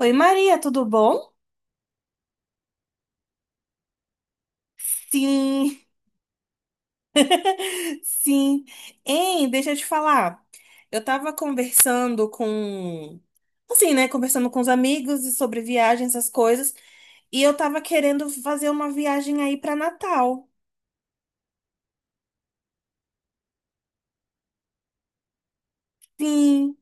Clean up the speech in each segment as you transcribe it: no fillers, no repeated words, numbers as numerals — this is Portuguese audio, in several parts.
Oi, Maria, tudo bom? Sim, sim. Hein, deixa eu te falar. Eu tava conversando com, assim, né, conversando com os amigos e sobre viagens, essas coisas, e eu tava querendo fazer uma viagem aí pra Natal. Sim,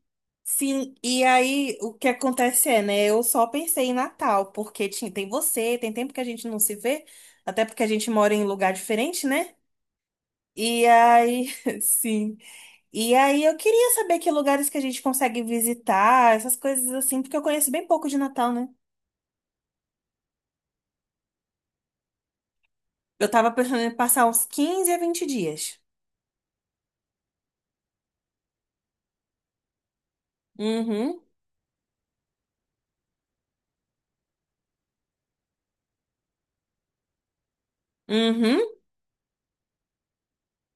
sim. E aí, o que acontece é, né? Eu só pensei em Natal, porque tem você, tem tempo que a gente não se vê, até porque a gente mora em lugar diferente, né? E aí, sim. E aí eu queria saber que lugares que a gente consegue visitar, essas coisas assim, porque eu conheço bem pouco de Natal, né? Eu tava pensando em passar uns 15 a 20 dias. Uhum, uhum.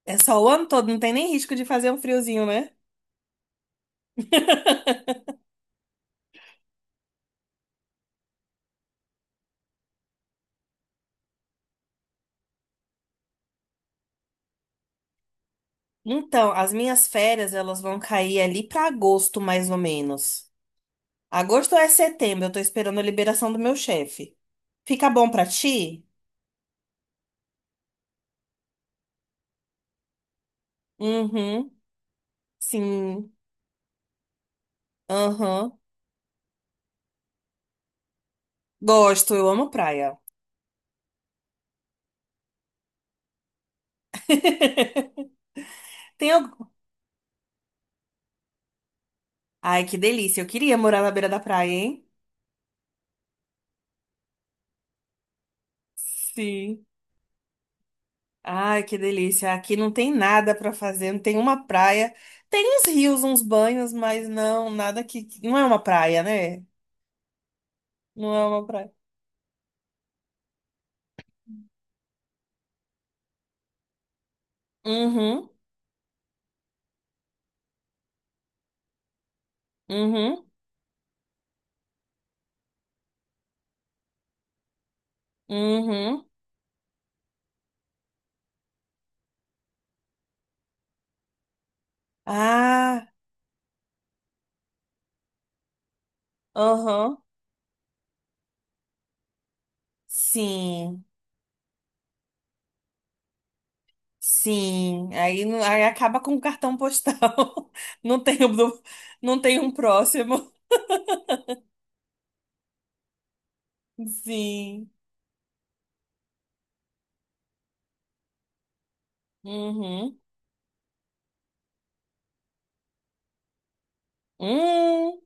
É só o ano todo, não tem nem risco de fazer um friozinho, né? Então, as minhas férias, elas vão cair ali pra agosto, mais ou menos. Agosto é setembro, eu tô esperando a liberação do meu chefe. Fica bom pra ti? Uhum, sim, aham. Gosto, eu amo praia. Tem, al- Ai, que delícia. Eu queria morar na beira da praia, hein? Sim. Ai, que delícia. Aqui não tem nada pra fazer, não tem uma praia. Tem uns rios, uns banhos, mas não, nada que. Não é uma praia, né? Não é uma praia. Uhum, uhum, uhum. Ah, aham. Sim, sim. Aí, não- Aí acaba com o cartão postal. Não tem, um do- não tem um próximo. Sim. Uhum. Hum.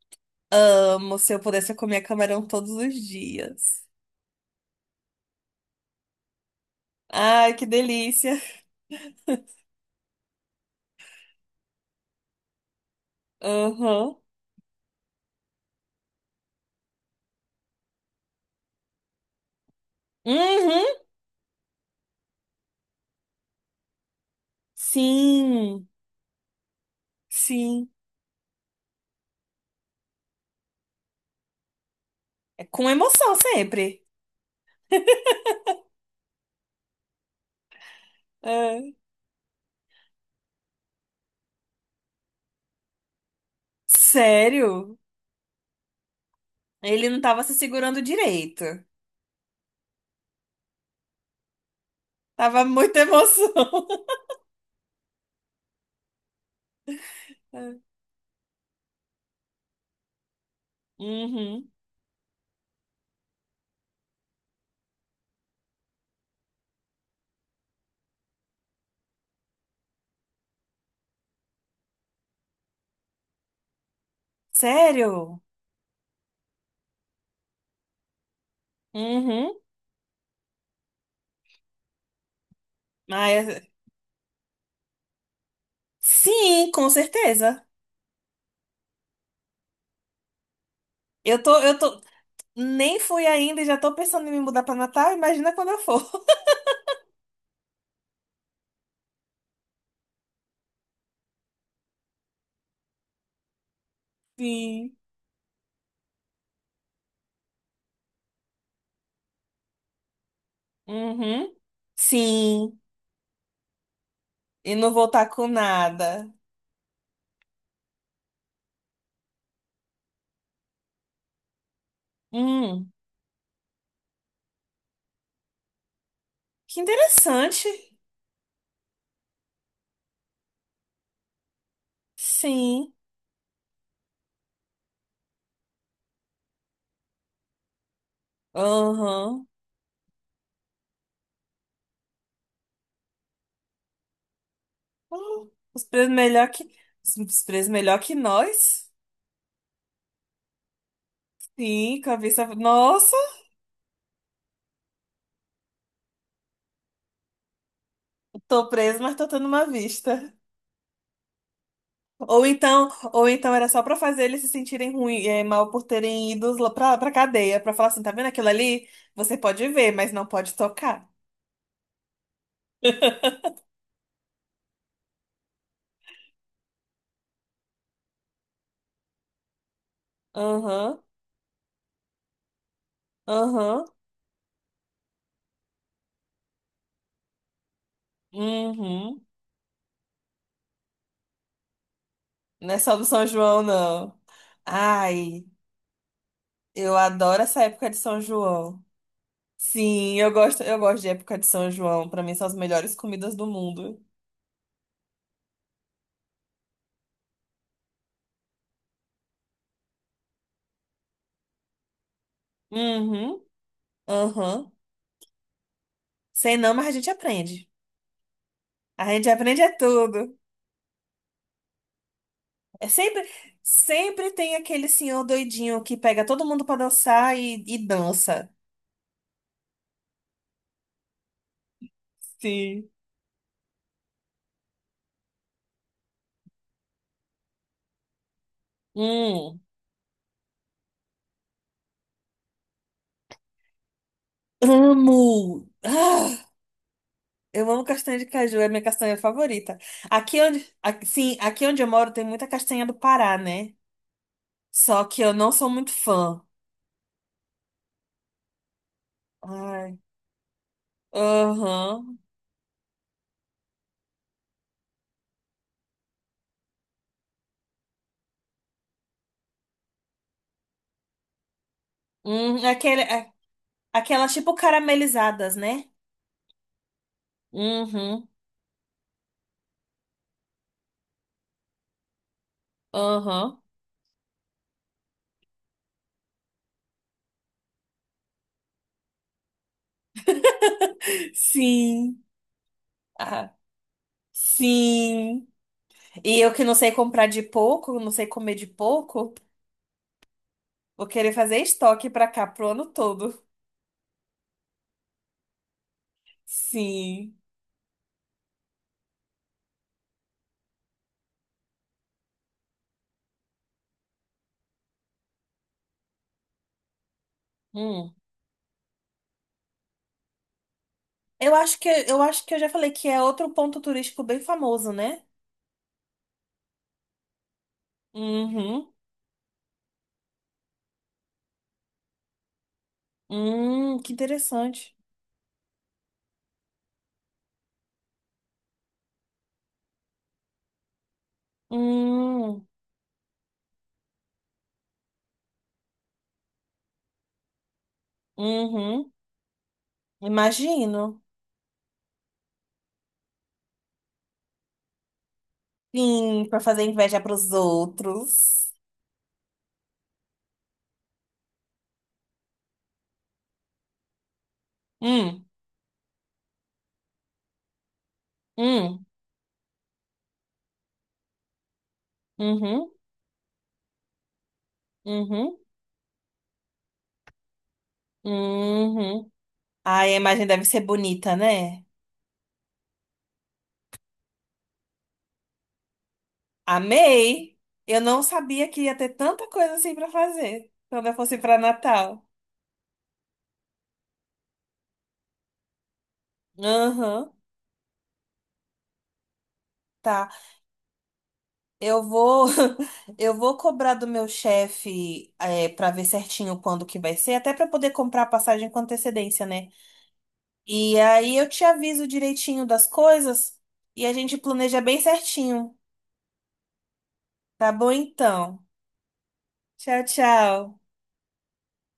Amo se eu pudesse eu comer camarão todos os dias. Ai, que delícia. Aham. Uhum. Sim, sim. É com emoção sempre. É. Sério? Ele não tava se segurando direito. Tava muita emoção. É. Uhum. Sério? Uhum. Ah, é- Sim, com certeza. Eu tô. Nem fui ainda e já tô pensando em me mudar pra Natal. Imagina quando eu for. Sim. Uhum. Sim. E não voltar com nada. Hum, que interessante. Sim. Aham. Hum, Os presos melhor que. Os presos melhor que nós? Sim, com a vista. Nossa, tô preso, mas tô tendo uma vista. Ou então era só pra fazer eles se sentirem ruim, é, mal por terem ido lá pra cadeia, pra falar assim, tá vendo aquilo ali? Você pode ver, mas não pode tocar. Aham, aham, uhum. Não é só do São João, não. Ai. Eu adoro essa época de São João. Sim, eu gosto de época de São João. Pra mim são as melhores comidas do mundo. Uhum, uhum. Sei não, mas a gente aprende. A gente aprende é tudo. É sempre, sempre tem aquele senhor doidinho que pega todo mundo pra dançar e dança. Sim. Hum, amo. Ah, eu amo castanha de caju, é minha castanha favorita. Aqui onde eu moro tem muita castanha do Pará, né? Só que eu não sou muito fã. Ai. Aham. Hum, aquele, a- Aquelas tipo caramelizadas, né? Uhum. Aham. Sim. Ah, sim. E eu que não sei comprar de pouco, não sei comer de pouco, vou querer fazer estoque pra cá pro ano todo. Sim. Hum. Eu acho que eu acho que eu já falei que é outro ponto turístico bem famoso, né? Uhum. Que interessante. Hum, uhum. Imagino. Sim, pra fazer inveja pros outros. Hum, hum, uhum, uhum, uhum. Ai, a imagem deve ser bonita, né? Amei! Eu não sabia que ia ter tanta coisa assim pra fazer quando eu fosse pra Natal. Aham, tá. Eu vou, eu vou cobrar do meu chefe é, para ver certinho quando que vai ser, até pra poder comprar a passagem com antecedência, né? E aí eu te aviso direitinho das coisas e a gente planeja bem certinho. Tá bom então. Tchau, tchau.